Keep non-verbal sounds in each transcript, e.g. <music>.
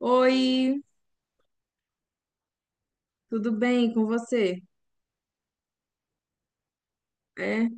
Oi, tudo bem com você? É?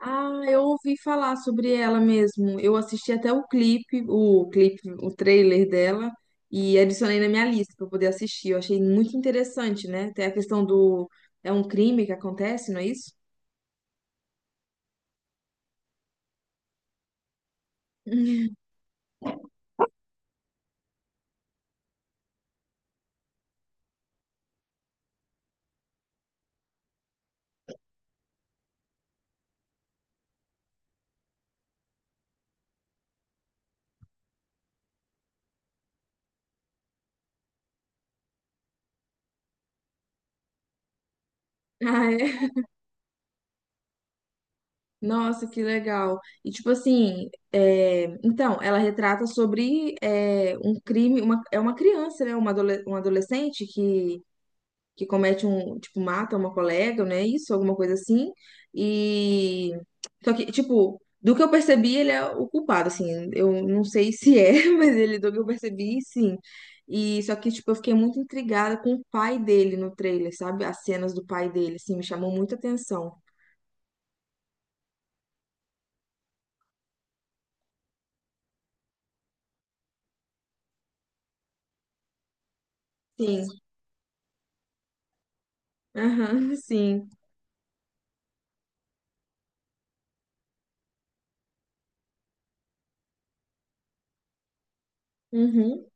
Ah, eu ouvi falar sobre ela mesmo. Eu assisti até o clipe, o trailer dela e adicionei na minha lista para poder assistir. Eu achei muito interessante, né? Tem a questão do é um crime que acontece, não é isso? <laughs> Ah, é? Nossa, que legal. E tipo assim, é, então, ela retrata sobre um crime, uma, é uma criança, né? Uma, uma adolescente que comete um, tipo, mata uma colega, né? Isso, alguma coisa assim. E só que, tipo, do que eu percebi, ele é o culpado, assim. Eu não sei se é, <laughs> mas ele, do que eu percebi, sim. E só que, tipo, eu fiquei muito intrigada com o pai dele no trailer, sabe? As cenas do pai dele, assim, me chamou muita atenção. Sim. Aham, <laughs> sim. Uhum.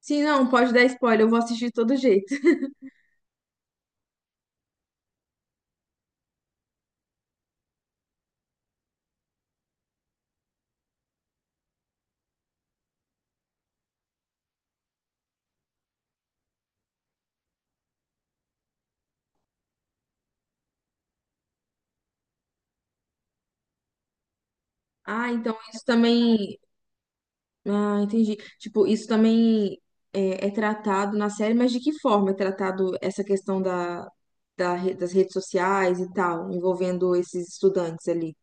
Sim, não, pode dar spoiler, eu vou assistir de todo jeito. Ah, então isso também. Ah, entendi. Tipo, isso também é, é tratado na série, mas de que forma é tratado essa questão da, das redes sociais e tal, envolvendo esses estudantes ali?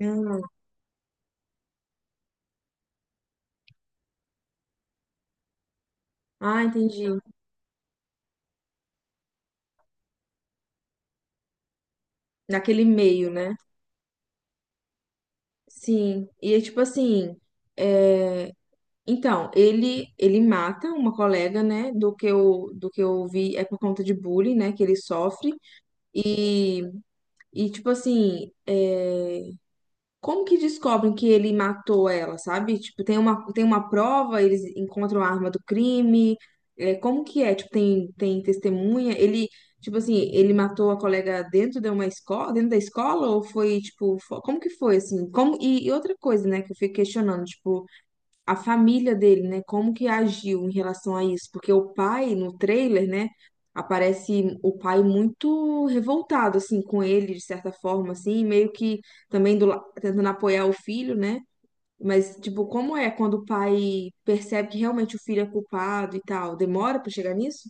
Ah, ah, entendi. Naquele meio, né? Sim. E é tipo assim, é, então, ele mata uma colega, né? Do que eu vi é por conta de bullying, né? Que ele sofre. E, e tipo assim, é, como que descobrem que ele matou ela, sabe? Tipo, tem uma prova, eles encontram a arma do crime. É, como que é? Tipo, tem, tem testemunha? Ele, tipo assim, ele matou a colega dentro de uma escola, dentro da escola? Ou foi, tipo, como que foi, assim? Como, e outra coisa, né, que eu fico questionando, tipo, a família dele, né? Como que agiu em relação a isso? Porque o pai, no trailer, né? Aparece o pai muito revoltado, assim, com ele, de certa forma, assim, meio que também do, tentando apoiar o filho, né? Mas, tipo, como é quando o pai percebe que realmente o filho é culpado e tal? Demora pra chegar nisso?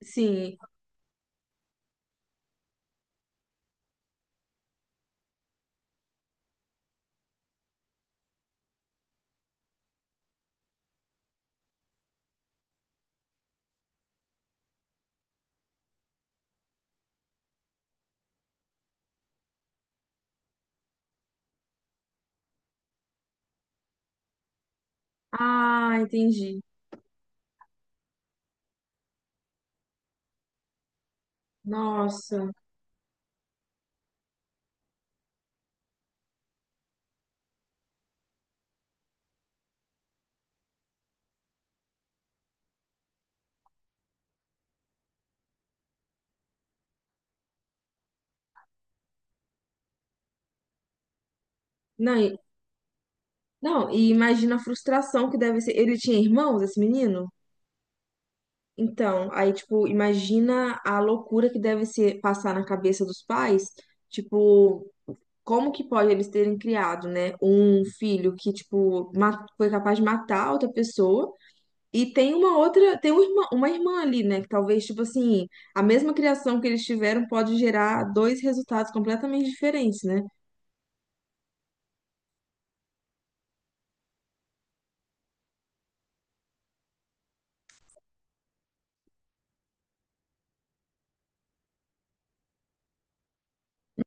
Sim. Ah, entendi. Nossa. Não, e- não, e imagina a frustração que deve ser. Ele tinha irmãos, esse menino? Então, aí, tipo, imagina a loucura que deve ser passar na cabeça dos pais, tipo, como que pode eles terem criado, né, um filho que, tipo, foi capaz de matar outra pessoa e tem uma outra, tem um uma irmã ali, né, que talvez, tipo assim, a mesma criação que eles tiveram pode gerar dois resultados completamente diferentes, né?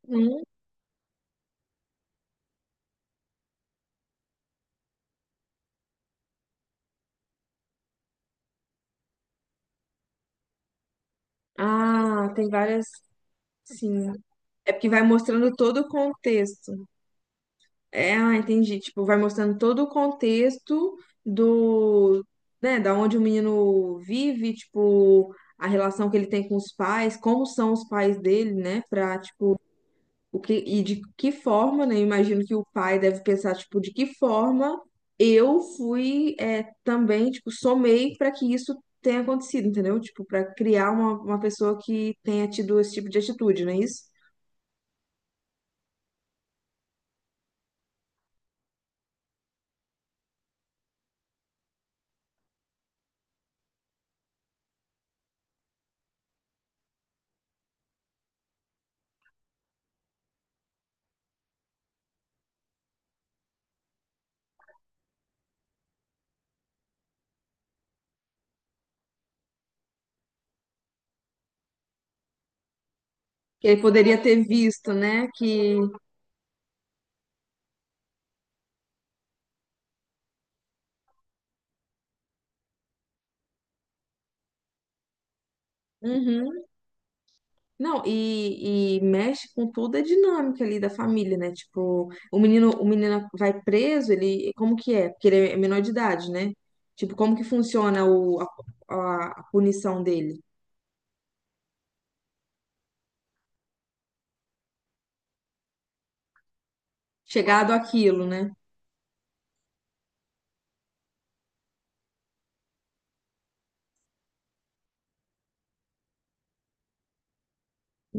Uhum. Ah, tem várias, sim. É porque vai mostrando todo o contexto. É, ah, entendi. Tipo, vai mostrando todo o contexto do, né, da onde o menino vive, tipo, a relação que ele tem com os pais, como são os pais dele, né, pra, tipo, o que, e de que forma, né, eu imagino que o pai deve pensar, tipo, de que forma eu fui, é, também, tipo, somei pra que isso tenha acontecido, entendeu? Tipo, pra criar uma pessoa que tenha tido esse tipo de atitude, não é isso? Que ele poderia ter visto, né, que... Uhum. Não, e mexe com toda a dinâmica ali da família, né? Tipo, o menino vai preso, ele, como que é? Porque ele é menor de idade, né? Tipo, como que funciona o, a, a punição dele? Chegado àquilo, né?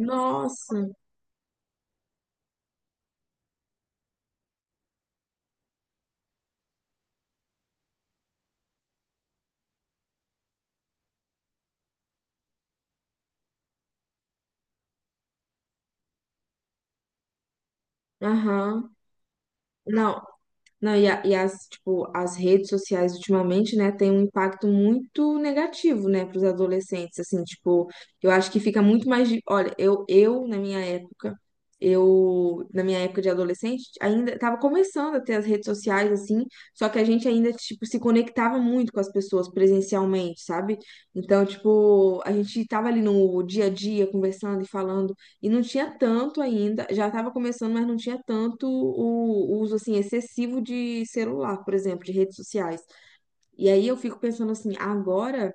Nossa, aham. Não, não, e, e as, tipo, as redes sociais ultimamente, né, tem um impacto muito negativo, né, para os adolescentes, assim, tipo, eu acho que fica muito mais, olha, eu na minha época, eu na minha época de adolescente ainda estava começando a ter as redes sociais, assim, só que a gente ainda, tipo, se conectava muito com as pessoas presencialmente, sabe? Então, tipo, a gente tava ali no dia a dia conversando e falando e não tinha tanto ainda, já estava começando, mas não tinha tanto o uso assim excessivo de celular, por exemplo, de redes sociais. E aí eu fico pensando assim, agora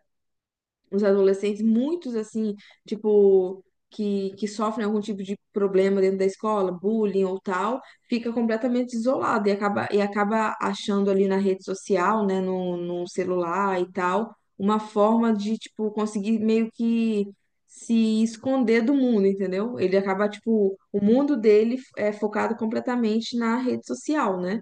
os adolescentes, muitos assim, tipo, que sofrem algum tipo de problema dentro da escola, bullying ou tal, fica completamente isolado e e acaba achando ali na rede social, né, no, no celular e tal, uma forma de, tipo, conseguir meio que se esconder do mundo, entendeu? Ele acaba, tipo, o mundo dele é focado completamente na rede social, né?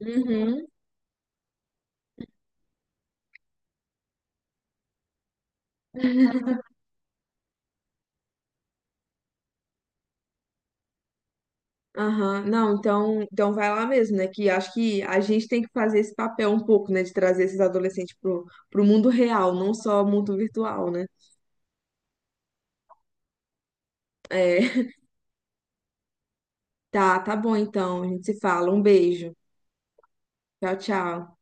Uhum. Aham, não, então, então vai lá mesmo, né? Que acho que a gente tem que fazer esse papel um pouco, né? De trazer esses adolescentes pro, pro mundo real, não só o mundo virtual, né? É, <laughs> tá, tá bom então, a gente se fala. Um beijo. Tchau, tchau.